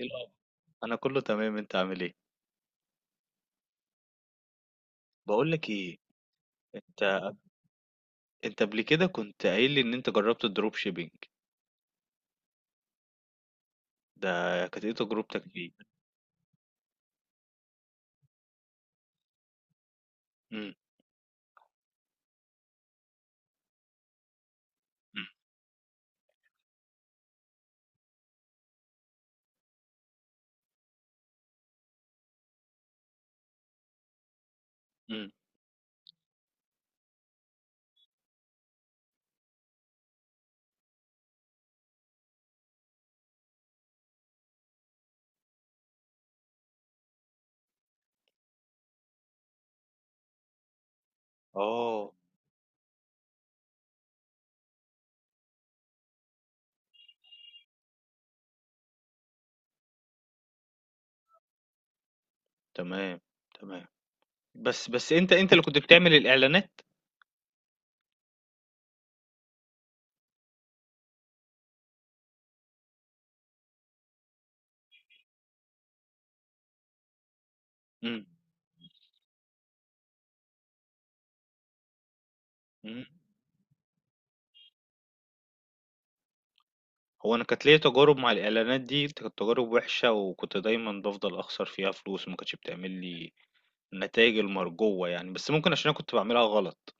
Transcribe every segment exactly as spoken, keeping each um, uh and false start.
إيه الأخبار؟ انا كله تمام، انت عامل ايه؟ بقول لك ايه؟ انت انت قبل كده كنت قايل لي ان انت جربت الدروب شيبينج؟ ده كانت ايه تجربتك فيه؟ امم. امم. اه، تمام، تمام. بس بس انت انت اللي كنت بتعمل الاعلانات؟ امم. امم. هو انا كانت ليا تجارب مع الاعلانات دي، كانت تجارب وحشه، وكنت دايما بفضل اخسر فيها فلوس، وما كانتش بتعمل لي النتائج المرجوه يعني. بس ممكن عشان انا كنت بعملها غلط.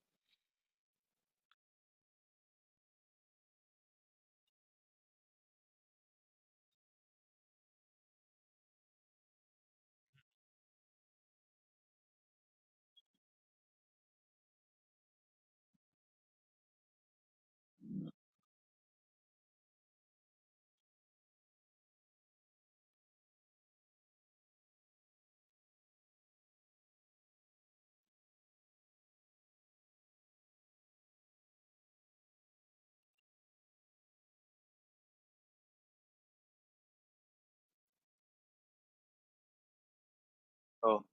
اه،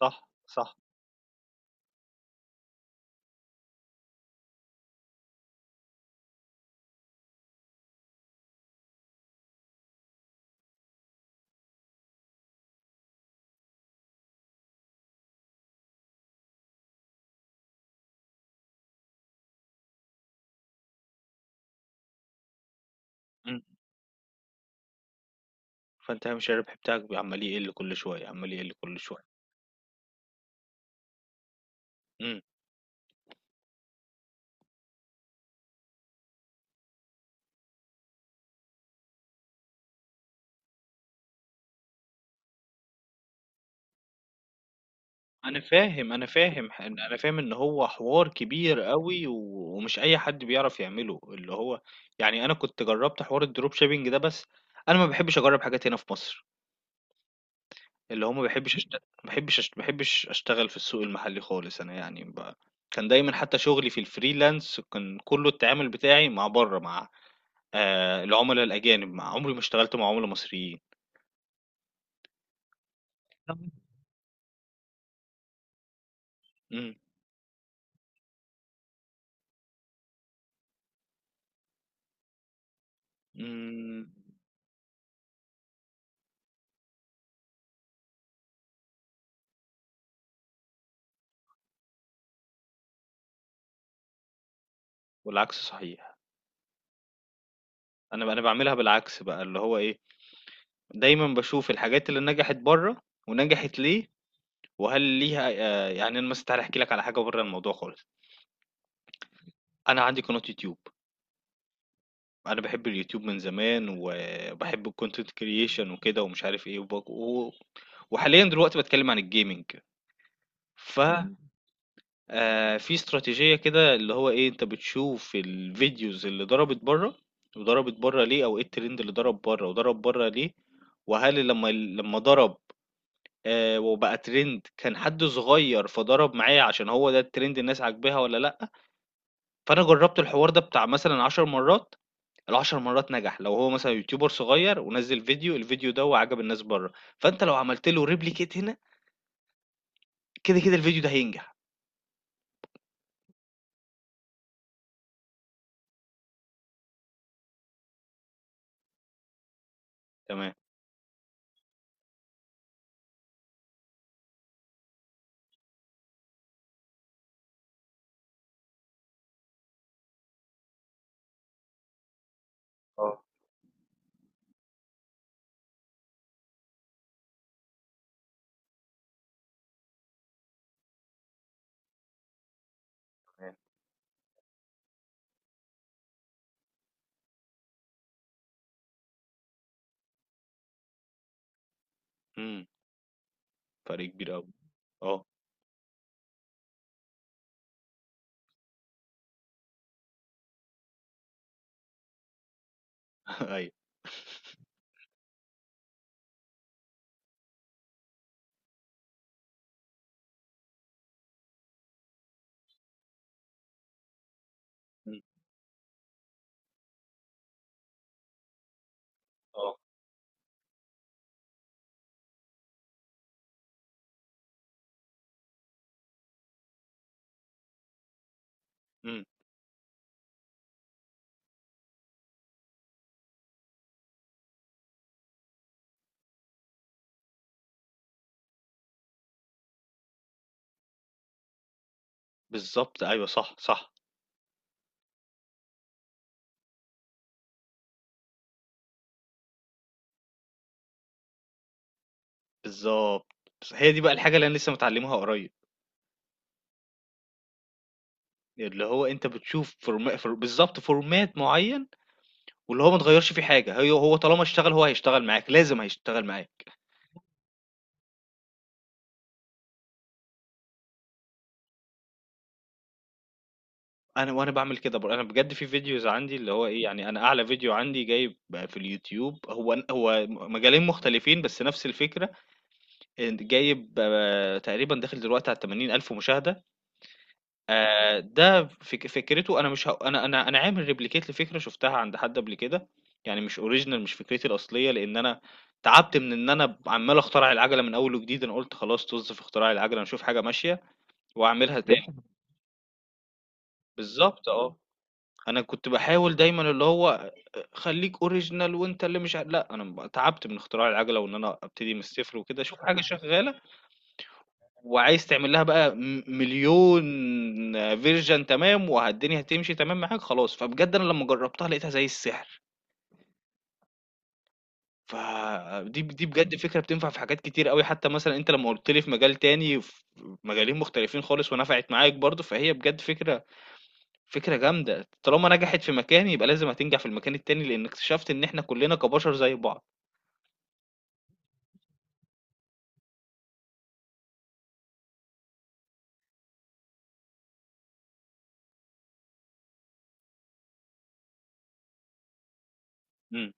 صح، صح. فأنت هامش الربح بتاعك بي عمّال يقل كل شوية، عمّال يقل كل شوية. إمم. أنا فاهم، أنا فاهم ح أنا فاهم إن هو حوار كبير أوي، و ومش أي حد بيعرف يعمله، اللي هو يعني، أنا كنت جرّبت حوار الdrop shipping ده. بس أنا ما باحبّش أجرّب حاجات هنا في مصر، اللي هو ما باحبّش أشت ما باحبّش أشت ما باحبّش أشتغل في السوق المحلي خالص، أنا يعني ب كان دايمًا حتّى شغلي في الfreelance كان كُلّه التعامل بتاعي مع برّه، مع آآ العُملا الأجانب، مع، عمري ما اشتغلت مع عُملا مصريين. نعم. إمم. إمم. والعكس صحيح. أنا ب أنا باعملها بالعكس بقى، اللي هو إيه، دايمًا باشوف الحاجات اللي نجحت برّه ونجحت ليه، وهل ليها آآ يعني أنا مثلًا تعالَ أحكي لك على حاجة برّه الموضوع خالص. أنا عندي قناة يوتيوب، أنا باحب اليوتيوب من زمان وباحب الcontent creation وكده ومش عارف إيه وباك، و وحاليًا دلوقتي باتكلّم عن الgaming. ف آه في استراتيجية كده اللي هو ايه، انت بتشوف الفيديوز اللي ضربت بره وضربت بره ليه، او ايه الترند اللي ضرب بره وضرب بره ليه، وهل لما لما ضرب آه وبقى ترند، كان حد صغير فضرب معايا عشان هو ده الترند، الناس عاجباها ولا لا. فانا جربت الحوار ده بتاع مثلا عشر مرات، العشر مرات نجح. لو هو مثلا يوتيوبر صغير ونزل فيديو، الفيديو ده وعجب الناس بره، فانت لو عملت له ريبليكيت هنا، كده كده الفيديو ده هينجح. تمام. اه، تمام. امم. فرق كبير قوي. اه. أيوه. إمم. آه. إمم. بالضبط، أيوه صح، صح. بالضبط. بس هي دي بقى الحاجة اللي أنا لسه متعلّمها قريب. اللي هو أنت بتشوف فورما فور بالضبط فورمات معيّن، واللي هو ما تغيّرش فيه حاجة. هي هو طالما اشتغل، هو هيشتغل معاك، لازم هيشتغل معاك. أنا وأنا باعمل كده بر أنا بجد في فيديوز عندي اللي هو إيه، يعني أنا أعلى فيديو عندي جايب في اليوتيوب هو ن هو م مجالين مختلفين بس نفس الفكرة، إن جايب آه، تقريبًا داخل دلوقتي على ال80.000 مشاهدة. آآ ده فك فكرته. أنا مش ه أنا أنا أنا عامل replicate لفكرة شُفتها عند حد قبل كده، يعني مش original، مش فكرتي الأصلية، لإن أنا تعبت من إن أنا عمّال أخترع العَجَلة من أول وجديد. أنا قُلت خلاص، طُز في اختراع العَجَلة، أنا أشوف حاجة ماشية وأعملها تاني. بالضبط آه. أنا كنت باحاول دايمًا اللي هو خلّيك original، وأنت اللي مش ع لأ، أنا ب تعبت من اختراع العَجَلة وإن أنا أبتدي من الصفر وكده. شوف حاجة شغّالة وعايز تعمل لها بقى م- مليون فيرجن. تمام. والدنيا هتمشي تمام معاك خلاص. فبجد انا لما جربتها لقيتها زي السحر. فدي دي بجد فكرة بتنفع في حاجات كتير قوي، حتى مثلا انت لما قلت لي في مجال تاني، في مجالين مختلفين خالص ونفعت معاك برضو. فهي بجد فكرة فكرة جامدة. طالما نجحت في مكان، يبقى لازم هتنجح في المكان التاني، لان اكتشفت ان احنا كلنا كبشر زي بعض. امم.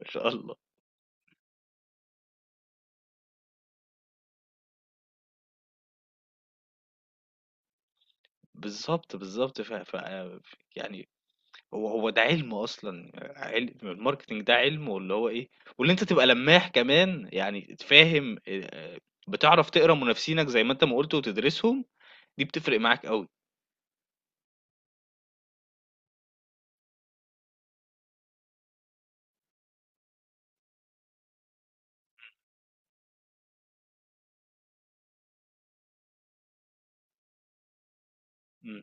ان شاء الله. بالظبط، بالظبط. ف... ف... يعني هو هو ده علم اصلا، علم الماركتنج ده علم، واللي هو ايه، واللي انت تبقى لماح كمان يعني تفهم آه، بتعرف تقرا منافسينك زي ما انت ما قلت وتدرسهم. دي بتفرق معاك قوي. م-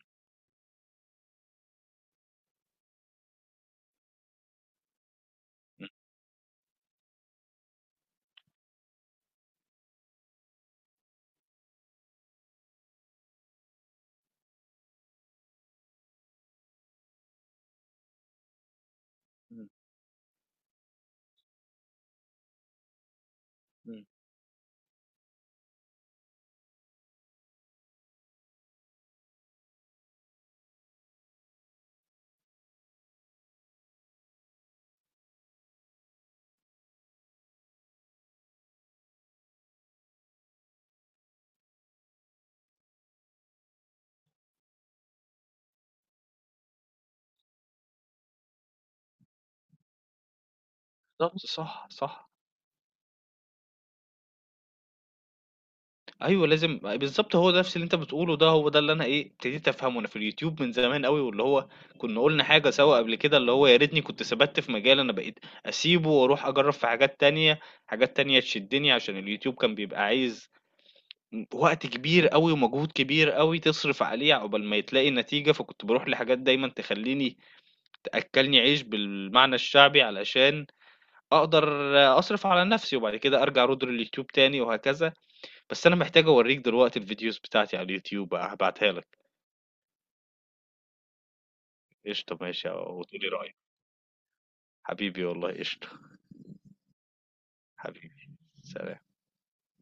م- م- م. بالظبط، صح، صح. ايوه، لازم. بالظبط هو ده نفس اللي انت بتقوله، ده هو ده اللي انا ايه ابتديت افهمه، انا في اليوتيوب من زمان قوي. واللي هو كنا قلنا حاجه سوا قبل كده، اللي هو يا ريتني كنت ثبت في مجال. انا بقيت اسيبه واروح اجرب في حاجات تانية، حاجات تانية تشدني، عشان اليوتيوب كان بيبقى عايز إمم، وقت كبير أوي ومجهود كبير أوي تصرف عليه عقبال ما تلاقي نتيجة، فكنت باروح لحاجات دايمًا تخلّيني تأكّلني عيش بالمعنى الشعبي علشان أقدر أصرف على نَفْسي، وبعد كده أرجع أرُوض لليوتيوب تاني وهكذا. بس أنا محتاج أورّيك دلوقتي الفيديوز بتاعتي على اليوتيوب، هابعتها لك. قشطة، ماشي، وتقول لي رأيك. حبيبي والله، قشطة. حبيبي. سلام.